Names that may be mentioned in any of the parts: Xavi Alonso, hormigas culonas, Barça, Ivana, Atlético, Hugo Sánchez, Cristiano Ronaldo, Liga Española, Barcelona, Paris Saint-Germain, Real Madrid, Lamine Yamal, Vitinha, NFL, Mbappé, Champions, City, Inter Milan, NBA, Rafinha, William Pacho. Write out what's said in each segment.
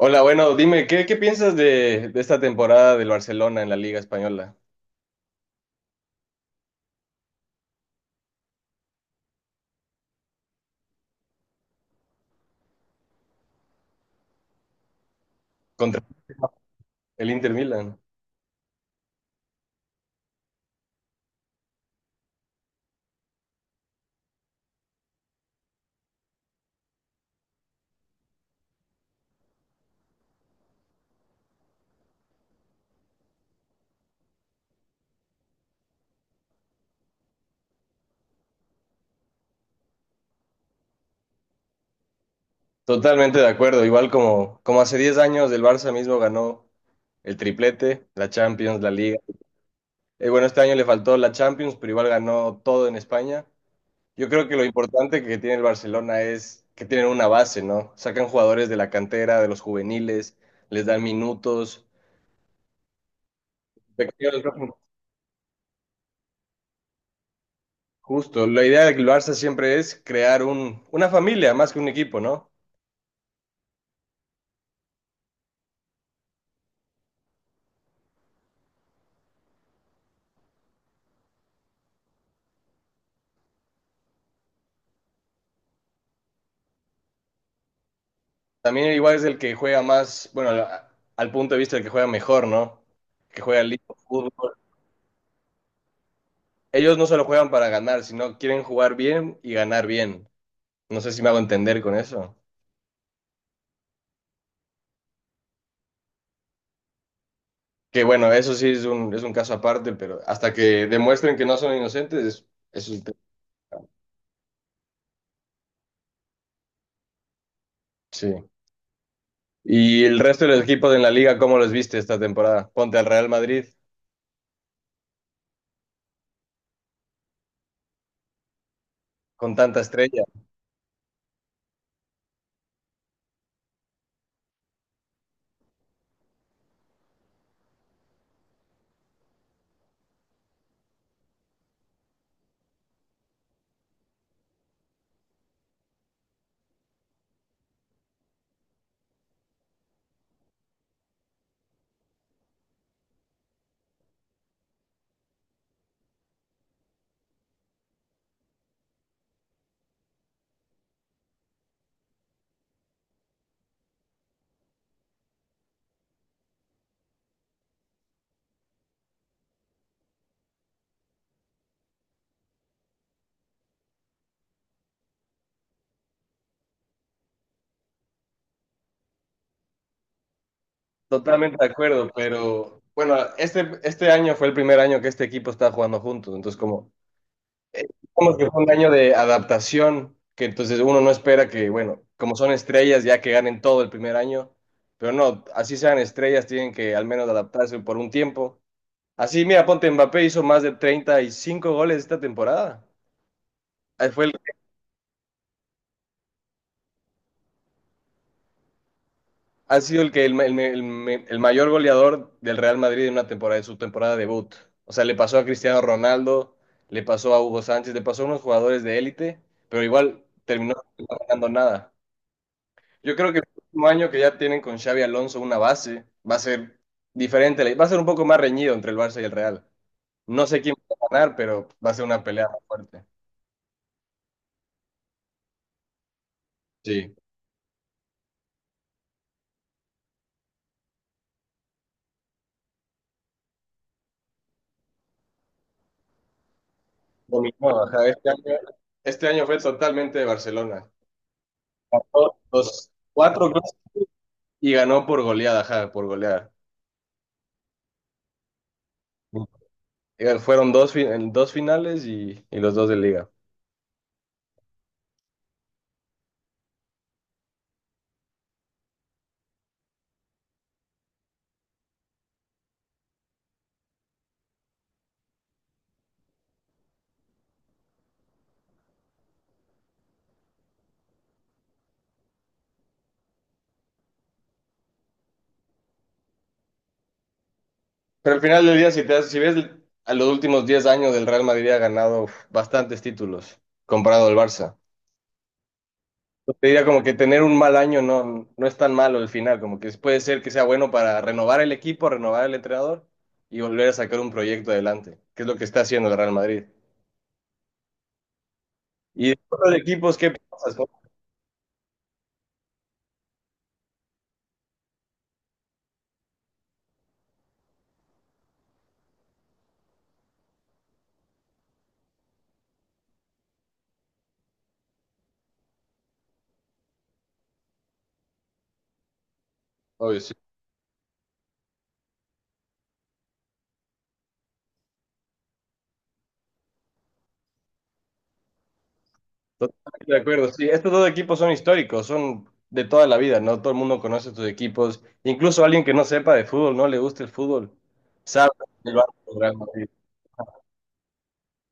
Hola, bueno, dime, ¿qué piensas de esta temporada del Barcelona en la Liga Española contra el Inter Milan? Totalmente de acuerdo, igual como hace 10 años el Barça mismo ganó el triplete, la Champions, la Liga. Bueno, este año le faltó la Champions, pero igual ganó todo en España. Yo creo que lo importante que tiene el Barcelona es que tienen una base, ¿no? Sacan jugadores de la cantera, de los juveniles, les dan minutos. Pequeños. Justo, la idea del Barça siempre es crear una familia más que un equipo, ¿no? También igual es el que juega más, bueno, al punto de vista del que juega mejor, ¿no? Que juega lindo fútbol. Ellos no solo juegan para ganar, sino quieren jugar bien y ganar bien. No sé si me hago entender con eso. Que bueno, eso sí es un caso aparte, pero hasta que demuestren que no son inocentes, eso es un tema. Sí. ¿Y el resto de los equipos en la liga, cómo los viste esta temporada? Ponte al Real Madrid con tanta estrella. Totalmente de acuerdo, pero bueno, este año fue el primer año que este equipo está jugando juntos, entonces como, eh, como que fue un año de adaptación, que entonces uno no espera que, bueno, como son estrellas ya que ganen todo el primer año, pero no, así sean estrellas, tienen que al menos adaptarse por un tiempo. Así, mira, ponte Mbappé hizo más de 35 goles esta temporada. Fue el. Ha sido el que el, ma- el me- el me- el mayor goleador del Real Madrid en una temporada, en su temporada debut. O sea, le pasó a Cristiano Ronaldo, le pasó a Hugo Sánchez, le pasó a unos jugadores de élite, pero igual terminó no ganando nada. Yo creo que el próximo año que ya tienen con Xavi Alonso una base, va a ser diferente, va a ser un poco más reñido entre el Barça y el Real. No sé quién va a ganar, pero va a ser una pelea más fuerte. Sí. Dominó, ajá, este año fue totalmente de Barcelona. Los cuatro. Y ganó por goleada, ajá, por goleada. Fueron dos, en dos finales y los dos de liga. Pero al final del día, si ves a los últimos 10 años del Real Madrid ha ganado uf, bastantes títulos comparado al Barça. Yo Te diría como que tener un mal año no, no es tan malo el final, como que puede ser que sea bueno para renovar el equipo, renovar el entrenador y volver a sacar un proyecto adelante, que es lo que está haciendo el Real Madrid. Y de todos los equipos, ¿qué pasa? Obvio, sí. Totalmente de acuerdo, sí, estos dos equipos son históricos, son de toda la vida, ¿no? Todo el mundo conoce estos equipos, incluso alguien que no sepa de fútbol, no le guste el fútbol, sabe del Barça del Real Madrid.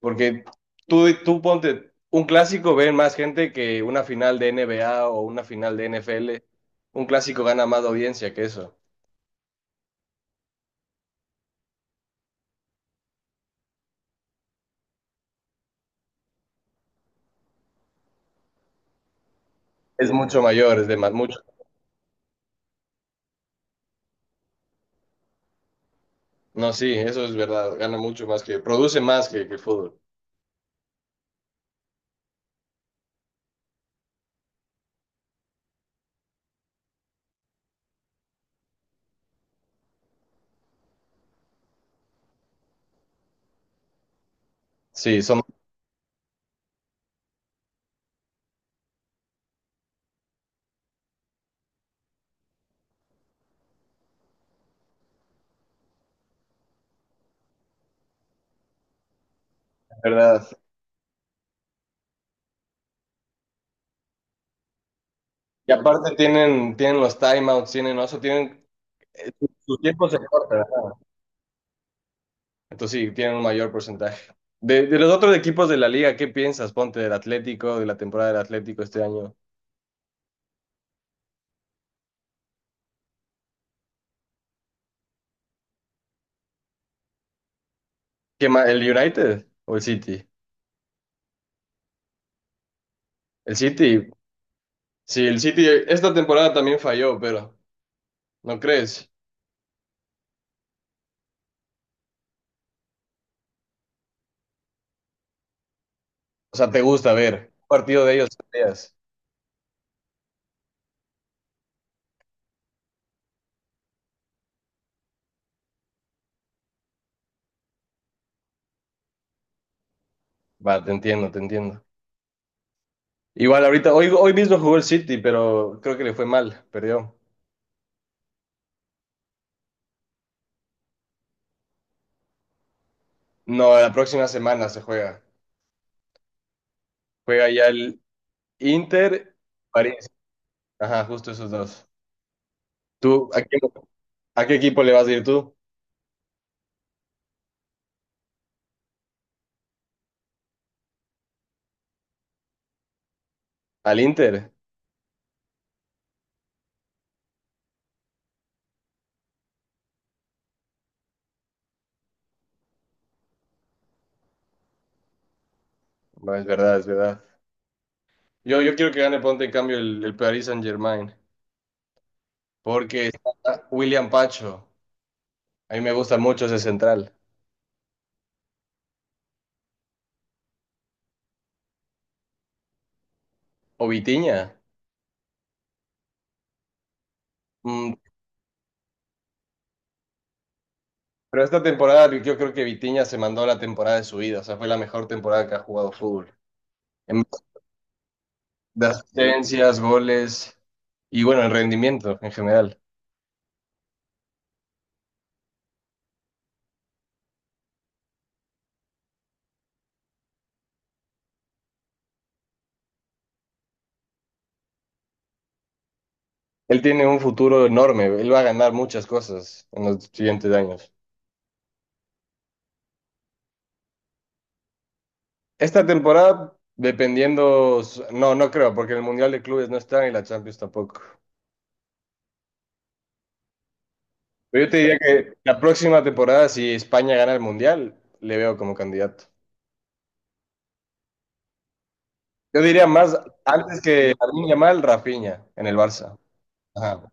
Porque tú ponte un clásico, ven más gente que una final de NBA o una final de NFL un clásico gana más audiencia que eso, es mucho mayor, es de más, mucho, no, sí, eso es verdad, gana mucho más que, produce más que el fútbol, sí, son de verdad. Y aparte tienen, tienen los timeouts, tienen, eso, tienen su tiempo se corta. Entonces sí, tienen un mayor porcentaje. De los otros equipos de la liga, ¿qué piensas? Ponte del Atlético, de la temporada del Atlético este año. ¿Qué más? ¿El United o el City? El City, sí, el City esta temporada también falló, pero ¿no crees? O sea, te gusta ver un partido de ellos. Peleas. Va, te entiendo, te entiendo. Igual ahorita, hoy mismo jugó el City, pero creo que le fue mal, perdió. No, la próxima semana se juega. Juega ya el Inter, París. Ajá, justo esos dos. ¿Tú a a qué equipo le vas a ir tú? ¿Al Inter? No, es verdad, es verdad. Yo quiero que gane, ponte en cambio el Paris Saint-Germain, porque está William Pacho. A mí me gusta mucho ese central. O Vitinha. Mm, pero esta temporada yo creo que Vitinha se mandó la temporada de su vida. O sea, fue la mejor temporada que ha jugado fútbol. En de asistencias, goles y bueno, en rendimiento en general. Él tiene un futuro enorme. Él va a ganar muchas cosas en los siguientes años. Esta temporada, dependiendo, s- no, no creo, porque el Mundial de Clubes no está y la Champions tampoco. Pero yo te diría que la próxima temporada, si España gana el Mundial, le veo como candidato. Yo diría más antes que Lamine Yamal, Rafinha en el Barça. Ajá,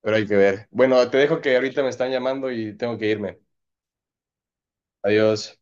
pero hay que ver. Bueno, te dejo que ahorita me están llamando y tengo que irme. Adiós.